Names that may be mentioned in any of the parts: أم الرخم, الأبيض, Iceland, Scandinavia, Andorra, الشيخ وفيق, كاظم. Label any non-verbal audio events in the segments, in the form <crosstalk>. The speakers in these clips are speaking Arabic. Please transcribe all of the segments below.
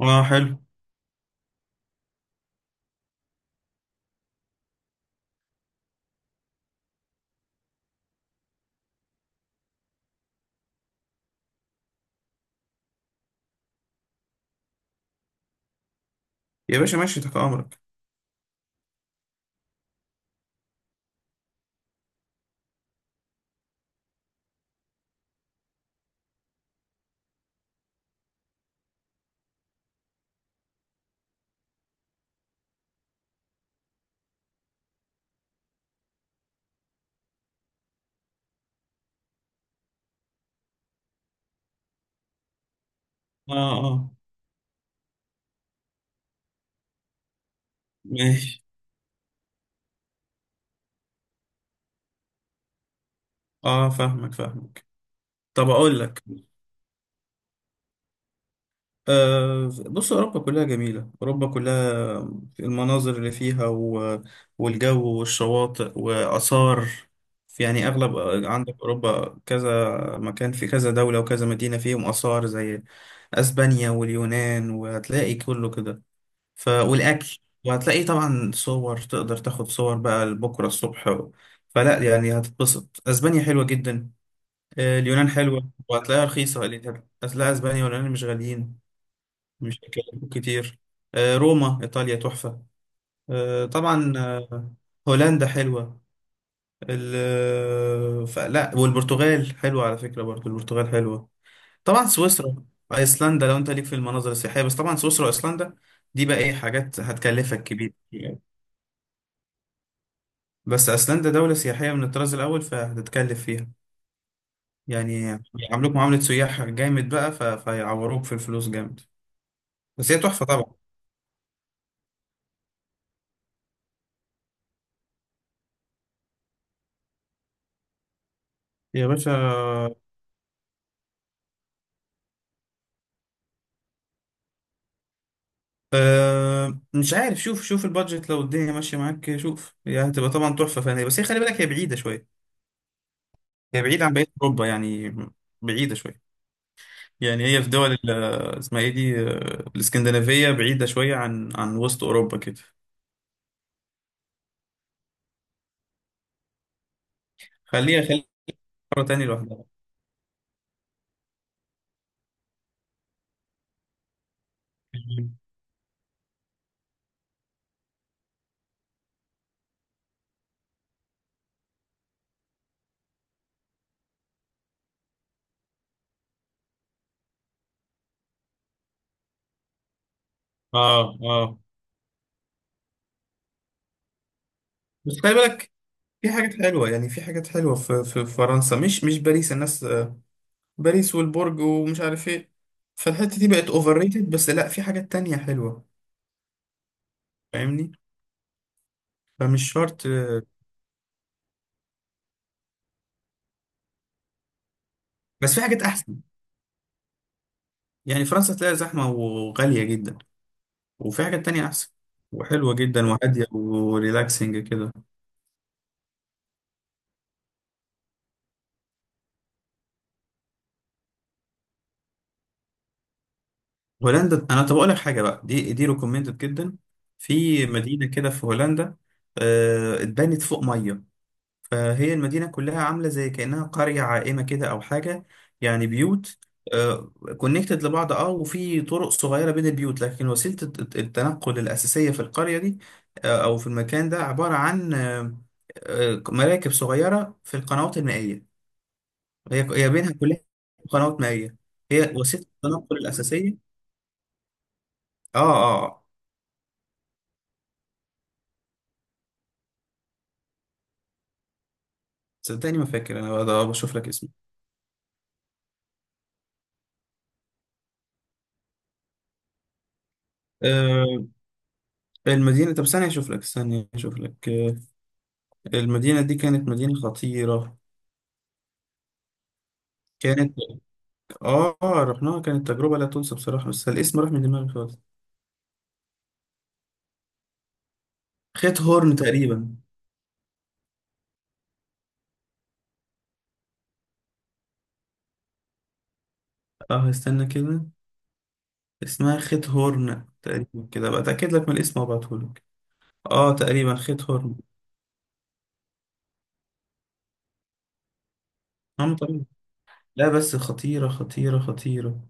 اه، حلو. يا باشا، ماشي، تحت امرك. اه، اه. ماشي. اه، فاهمك فاهمك. طب اقول لك، بص، اوروبا كلها جميله، اوروبا كلها، المناظر اللي فيها والجو والشواطئ واثار، يعني اغلب عندك اوروبا كذا مكان، في كذا دوله وكذا مدينه فيهم اثار زي اسبانيا واليونان، وهتلاقي كله كده. والاكل، وهتلاقي طبعا صور، تقدر تاخد صور بقى لبكره الصبح فلا، يعني هتتبسط. اسبانيا حلوه جدا. اليونان حلوه وهتلاقيها رخيصه، اللي هتلاقي اسبانيا واليونان مش غاليين، مش هيكلفوك كتير. روما ايطاليا تحفه. آه، طبعا آه، هولندا حلوه. فلا، والبرتغال حلوه على فكره، برضو البرتغال حلوه. طبعا سويسرا، ايسلندا لو انت ليك في المناظر السياحيه، بس طبعا سويسرا وايسلندا دي بقى ايه، حاجات هتكلفك كبير. بس أيسلندا دولة سياحية من الطراز الأول، فهتتكلف فيها، يعني هيعاملوك معاملة سياح جامد بقى، فهيعوروك في الفلوس جامد. بس هي تحفة طبعا. يا باشا، أه مش عارف، شوف شوف البادجت، لو الدنيا ماشية معاك شوف، هي هتبقى طبعا تحفة فنية، بس هي خلي بالك هي بعيدة شوية، هي بعيدة عن بقية أوروبا، يعني بعيدة شوية. يعني هي في دول اسمها ايه دي، الاسكندنافية بعيدة شوية عن وسط أوروبا كده. خليها خليها مرة تانية لوحدها. اه، اه. بس خلي بالك، في حاجات حلوة، يعني في حاجات حلوة في فرنسا، مش باريس، الناس باريس والبرج ومش عارف ايه، فالحتة دي بقت اوفر ريتد، بس لا في حاجات تانية حلوة. فاهمني؟ فمش شرط. بس في حاجات أحسن، يعني فرنسا تلاقي زحمة وغالية جدا، وفي حاجات تانية أحسن وحلوة جدا وهادية وريلاكسنج كده. هولندا أنا، طب أقول لك حاجة بقى، دي ريكومندد جدا. في مدينة كده في هولندا، اتبنت فوق 100، فهي المدينة كلها عاملة زي كأنها قرية عائمة كده أو حاجة، يعني بيوت كونكتد لبعض، اه، وفي طرق صغيرة بين البيوت، لكن وسيلة التنقل الأساسية في القرية دي، أو في المكان ده عبارة عن مراكب صغيرة في القنوات المائية، هي هي بينها كلها قنوات مائية، هي وسيلة التنقل الأساسية. اه، اه، آه. صدقني ما فاكر أنا بشوف لك اسمه. آه، المدينة، طب ثانية أشوف لك، ثانية أشوف لك، المدينة دي كانت مدينة خطيرة، كانت، آه رحناها، كانت تجربة لا تنسى بصراحة، بس الاسم راح من دماغي خالص. خيت هورن تقريبا. آه، استنى كده، اسمها خيت هورن تقريبا كده بقى، أتأكد لك من الاسم وأبعتهولك. آه تقريبا خيت هورن. آه تقريبا. لا، بس خطيرة خطيرة خطيرة.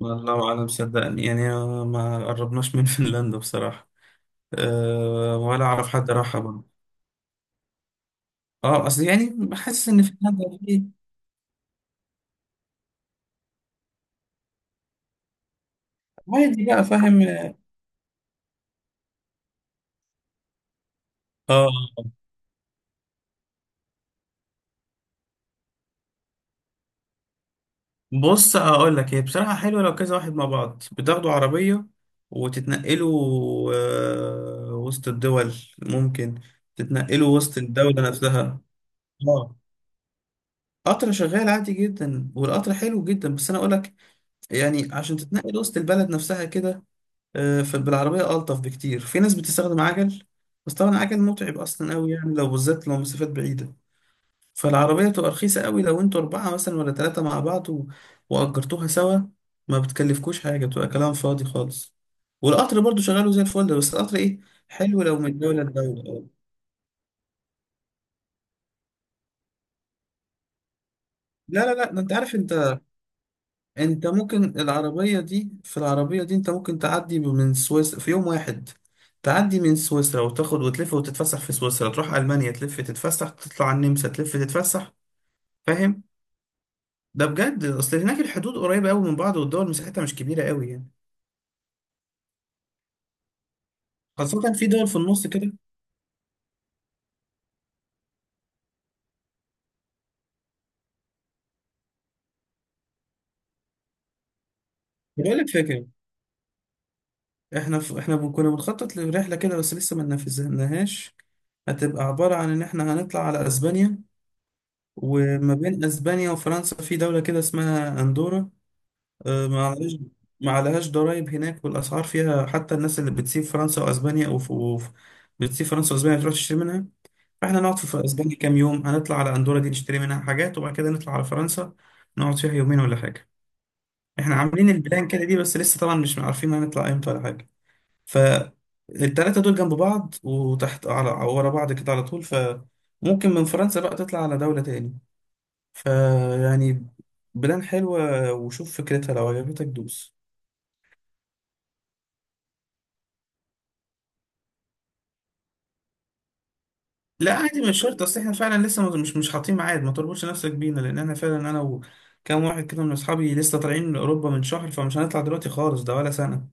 والله أعلم، صدقني، ما قربناش من <laughs> فنلندا بصراحة. أه، ولا أعرف حد راحها برضه. أصل يعني حاسس إن فنلندا فيه. عادي بقى فاهم. اه، بص اقول لك، هي بصراحه حلوه لو كذا واحد مع بعض، بتاخدوا عربيه وتتنقلوا، وسط الدول، ممكن تتنقلوا وسط الدوله نفسها. اه، قطر شغال عادي جدا، والقطر حلو جدا، بس انا اقول لك يعني عشان تتنقل وسط البلد نفسها كده، فبالعربيه الطف بكتير، في ناس بتستخدم عجل، بس طبعا عجل متعب اصلا قوي، يعني لو بالذات لو مسافات بعيده، فالعربية بتبقى رخيصة قوي، لو انتوا أربعة مثلا ولا تلاتة مع بعض وأجرتوها سوا، ما بتكلفكوش حاجة، بتبقى كلام فاضي خالص. والقطر برضو شغاله زي الفل، بس القطر ايه، حلو لو من دولة لدولة، اه. لا لا لا، ده انت عارف انت، انت ممكن العربية دي، انت ممكن تعدي من سويسرا في يوم واحد، تعدي من سويسرا وتاخد وتلف وتتفسح في سويسرا، تروح ألمانيا تلف تتفسح، تطلع على النمسا تلف تتفسح. فاهم؟ ده بجد، اصل هناك الحدود قريبة قوي من بعض، والدول مساحتها مش كبيرة قوي يعني، خاصة في دول في النص كده. بقول لك فاكر، احنا كنا بنخطط لرحلة كده، بس لسه ما نفذناهاش. هتبقى عبارة عن ان احنا هنطلع على اسبانيا، وما بين اسبانيا وفرنسا في دولة كده اسمها اندورا، اه، ما عليهاش، ما عليهاش ضرايب هناك، والاسعار فيها، حتى الناس اللي بتسيب فرنسا واسبانيا بتسيب فرنسا واسبانيا بتروح تشتري منها. فاحنا نقعد في اسبانيا كام يوم، هنطلع على اندورا دي نشتري منها حاجات، وبعد كده نطلع على فرنسا، نقعد فيها يومين ولا حاجة. احنا عاملين البلان كده دي، بس لسه طبعا مش عارفين هنطلع امتى ولا حاجه. فالتلاتة دول جنب بعض، وتحت على ورا بعض كده على طول، فممكن من فرنسا بقى تطلع على دولة تاني. فيعني بلان حلوة، وشوف فكرتها، لو عجبتك دوس. لا، عادي، مش شرط، اصل احنا فعلا لسه مش حاطين ميعاد، ما تربطش نفسك بينا، لان انا فعلا انا وكام واحد كده من اصحابي لسه طالعين من اوروبا من شهر، فمش هنطلع دلوقتي خالص، ده ولا سنة.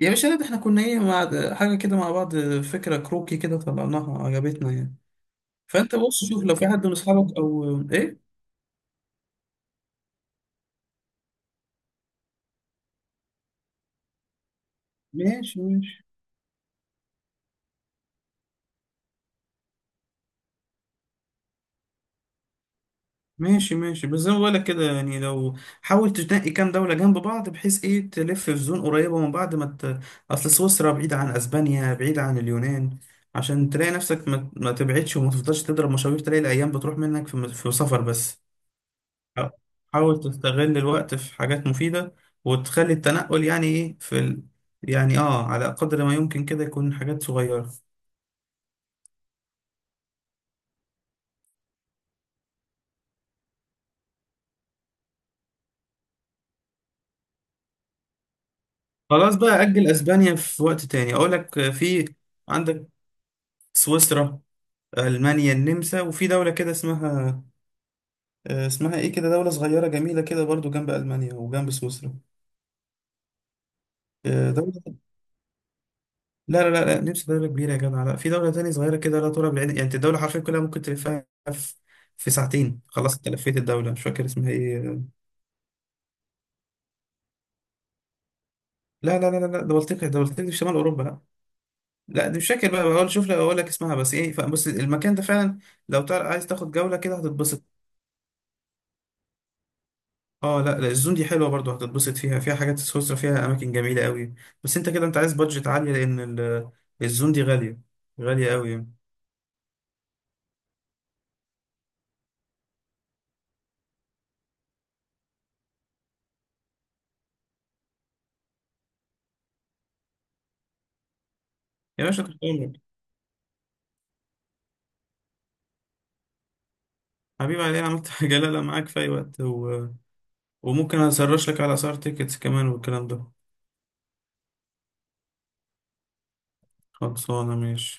يا باشا لا، ده احنا كنا ايه، مع حاجة كده مع بعض، فكرة كروكي كده طلعناها عجبتنا يعني، فانت بص شوف لو في حد من اصحابك او ايه. ماشي ماشي. ماشي ماشي. بس زي ما بقولك كده يعني، لو حاول تنقي كام دولة جنب بعض، بحيث ايه تلف في زون قريبة من بعض، ما ت... اصل سويسرا بعيدة عن اسبانيا، بعيدة عن اليونان، عشان تلاقي نفسك ما تبعدش، وما تفضلش تضرب مشاوير، تلاقي الايام بتروح منك في سفر بس. حا- حاول تستغل الوقت في حاجات مفيدة، وتخلي التنقل يعني ايه يعني اه على قدر ما يمكن كده يكون حاجات صغيرة. خلاص بقى، أجل أسبانيا في وقت تاني، أقول لك، في عندك سويسرا، ألمانيا، النمسا، وفي دولة كده اسمها، اسمها إيه كده، دولة صغيرة جميلة كده برضو جنب ألمانيا وجنب سويسرا. دولة، لا لا لا لا، نمسا دولة كبيرة يا جماعة، لا، في دولة تانية صغيرة كده لا ترى بالعين، يعني أنت الدولة حرفيا كلها ممكن تلفها في في ساعتين خلاص، أنت لفيت الدولة. مش فاكر اسمها إيه، لا لا لا لا لا، دولتك دولتك دي في شمال أوروبا، لا. لا دي مش فاكر بقى، بقول شوف لك أقول لك اسمها بس إيه، بس المكان ده فعلا لو تعرف عايز تاخد جولة كده هتتبسط. اه لا لا، الزون دي حلوه برضو، هتتبسط فيها، فيها حاجات. سويسرا فيها اماكن جميله قوي، بس انت كده انت عايز بادجت عاليه، لان الزون دي غاليه، غاليه قوي يعني. يا باشا، تحت امرك. حبيبي، علي انا عملت <laughs> حاجه؟ لا لا، معاك في اي وقت، وممكن اسرش لك على اسعار تيكتس كمان والكلام ده. خلصانه، ماشي.